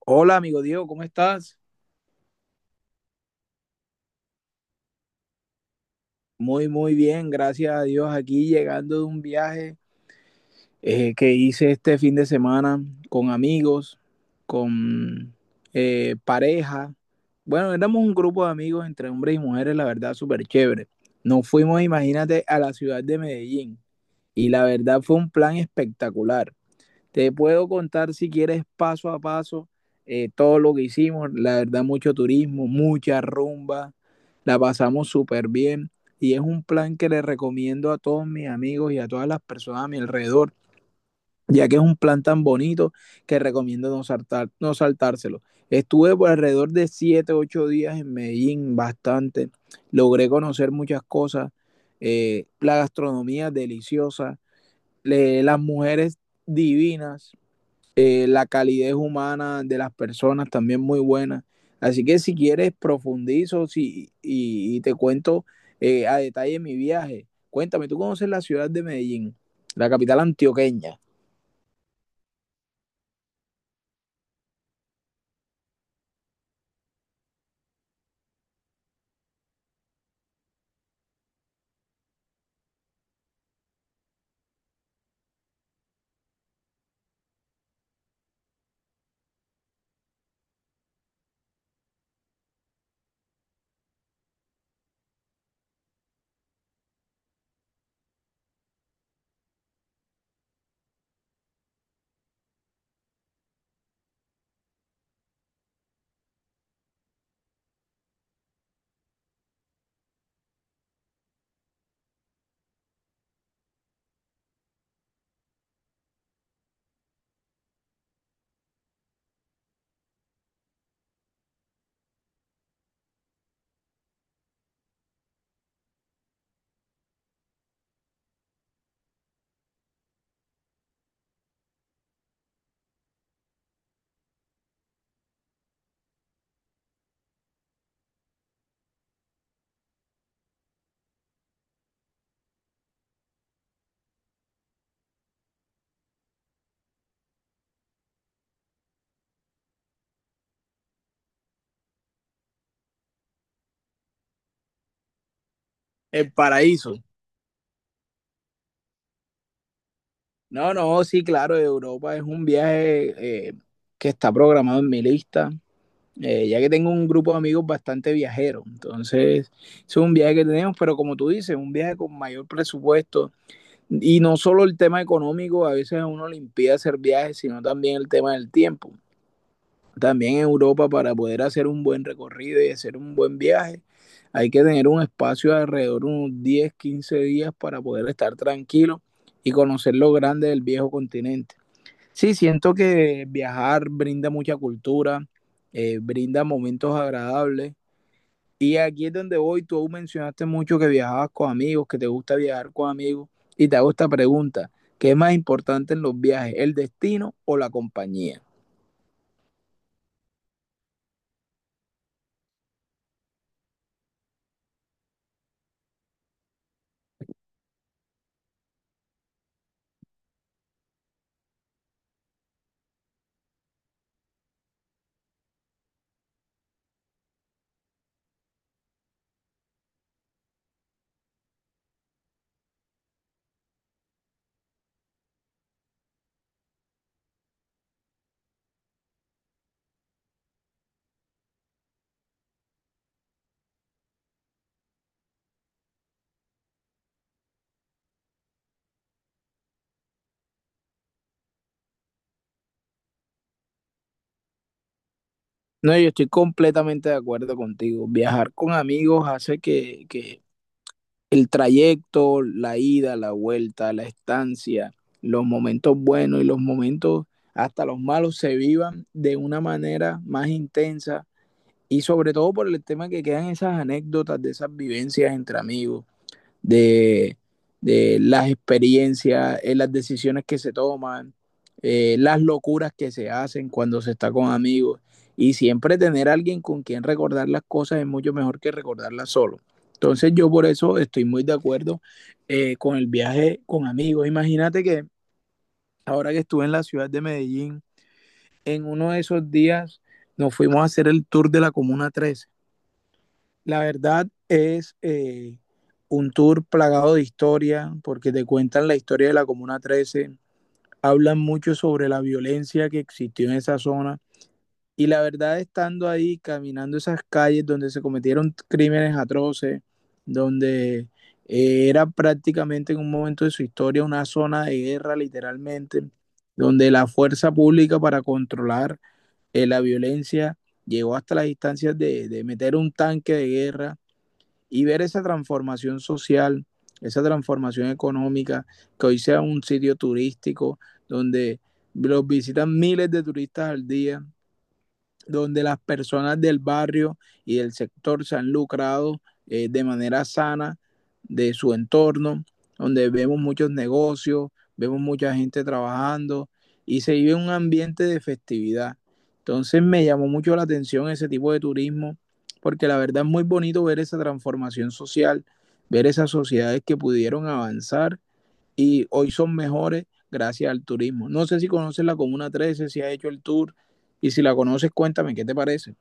Hola, amigo Diego, ¿cómo estás? Muy, muy bien, gracias a Dios. Aquí llegando de un viaje que hice este fin de semana con amigos, con pareja. Bueno, éramos un grupo de amigos entre hombres y mujeres, la verdad, súper chévere. Nos fuimos, imagínate, a la ciudad de Medellín y la verdad fue un plan espectacular. Te puedo contar si quieres paso a paso todo lo que hicimos. La verdad, mucho turismo, mucha rumba. La pasamos súper bien. Y es un plan que le recomiendo a todos mis amigos y a todas las personas a mi alrededor, ya que es un plan tan bonito que recomiendo no saltárselo. Estuve por alrededor de 7, 8 días en Medellín, bastante. Logré conocer muchas cosas. La gastronomía deliciosa, las mujeres divinas, la calidez humana de las personas también muy buena. Así que si quieres profundizo si, y te cuento a detalle mi viaje. Cuéntame, ¿tú conoces la ciudad de Medellín, la capital antioqueña, el paraíso? No, no, sí, claro, Europa es un viaje que está programado en mi lista, ya que tengo un grupo de amigos bastante viajeros. Entonces, es un viaje que tenemos, pero como tú dices, un viaje con mayor presupuesto. Y no solo el tema económico, a veces a uno le impide hacer viajes, sino también el tema del tiempo. También en Europa, para poder hacer un buen recorrido y hacer un buen viaje, hay que tener un espacio de alrededor de unos 10 15 días para poder estar tranquilo y conocer lo grande del viejo continente. Sí, siento que viajar brinda mucha cultura, brinda momentos agradables, y aquí es donde voy, tú aún mencionaste mucho que viajabas con amigos, que te gusta viajar con amigos, y te hago esta pregunta, ¿qué es más importante en los viajes, el destino o la compañía? No, yo estoy completamente de acuerdo contigo. Viajar con amigos hace que el trayecto, la ida, la vuelta, la estancia, los momentos buenos y los momentos hasta los malos se vivan de una manera más intensa, y sobre todo por el tema que quedan esas anécdotas de esas vivencias entre amigos, de, de las experiencias, las decisiones que se toman, las locuras que se hacen cuando se está con amigos. Y siempre tener a alguien con quien recordar las cosas es mucho mejor que recordarlas solo. Entonces yo por eso estoy muy de acuerdo con el viaje con amigos. Imagínate que ahora que estuve en la ciudad de Medellín, en uno de esos días nos fuimos a hacer el tour de la Comuna 13. La verdad es un tour plagado de historia, porque te cuentan la historia de la Comuna trece, hablan mucho sobre la violencia que existió en esa zona. Y la verdad, estando ahí, caminando esas calles donde se cometieron crímenes atroces, donde era prácticamente en un momento de su historia una zona de guerra, literalmente, donde la fuerza pública para controlar la violencia llegó hasta las instancias de meter un tanque de guerra y ver esa transformación social, esa transformación económica, que hoy sea un sitio turístico donde los visitan miles de turistas al día, donde las personas del barrio y del sector se han lucrado de manera sana de su entorno, donde vemos muchos negocios, vemos mucha gente trabajando y se vive un ambiente de festividad. Entonces me llamó mucho la atención ese tipo de turismo, porque la verdad es muy bonito ver esa transformación social, ver esas sociedades que pudieron avanzar y hoy son mejores gracias al turismo. No sé si conoces la Comuna trece, si has hecho el tour, y si la conoces, cuéntame, ¿qué te parece?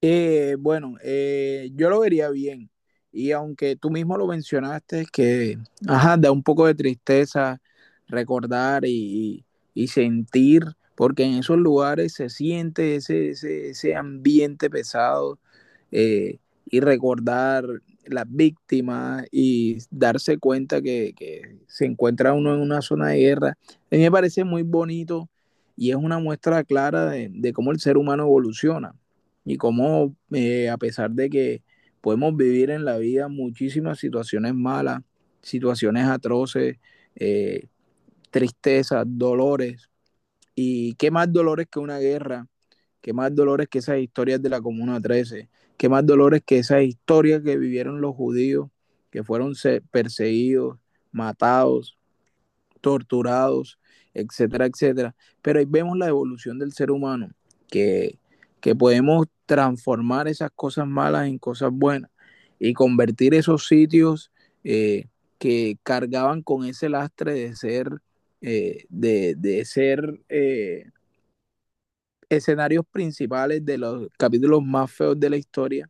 Bueno, yo lo vería bien, y aunque tú mismo lo mencionaste, que ajá, da un poco de tristeza recordar y sentir, porque en esos lugares se siente ese ambiente pesado, eh, y recordar las víctimas y darse cuenta se encuentra uno en una zona de guerra. A mí me parece muy bonito y es una muestra clara de cómo el ser humano evoluciona y cómo a pesar de que podemos vivir en la vida muchísimas situaciones malas, situaciones atroces, eh, tristezas, dolores, y qué más dolores que una guerra, qué más dolores que esas historias de la Comuna 13, qué más dolores que esas historias que vivieron los judíos, que fueron perseguidos, matados, torturados, etcétera, etcétera. Pero ahí vemos la evolución del ser humano, que, que podemos transformar esas cosas malas en cosas buenas y convertir esos sitios eh, que cargaban con ese lastre de ser, eh, de, de, ser eh, escenarios principales de los capítulos más feos de la historia,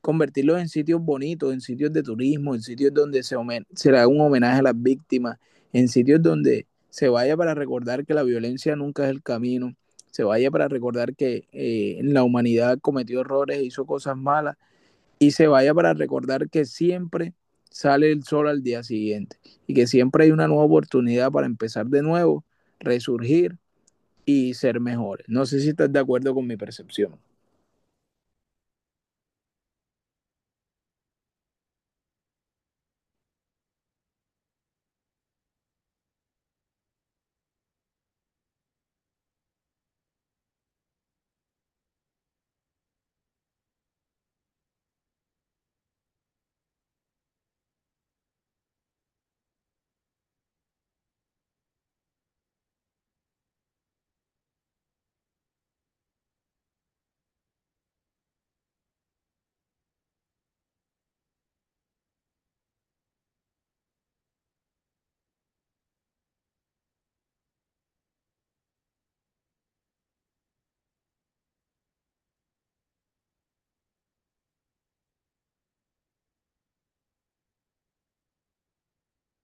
convertirlos en sitios bonitos, en sitios de turismo, en sitios donde se le haga un homenaje a las víctimas, en sitios donde se vaya para recordar que la violencia nunca es el camino, se vaya para recordar que la humanidad cometió errores e hizo cosas malas, y se vaya para recordar que siempre sale el sol al día siguiente y que siempre hay una nueva oportunidad para empezar de nuevo, resurgir y ser mejores. No sé si estás de acuerdo con mi percepción.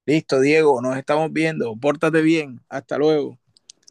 Listo, Diego, nos estamos viendo. Pórtate bien. Hasta luego.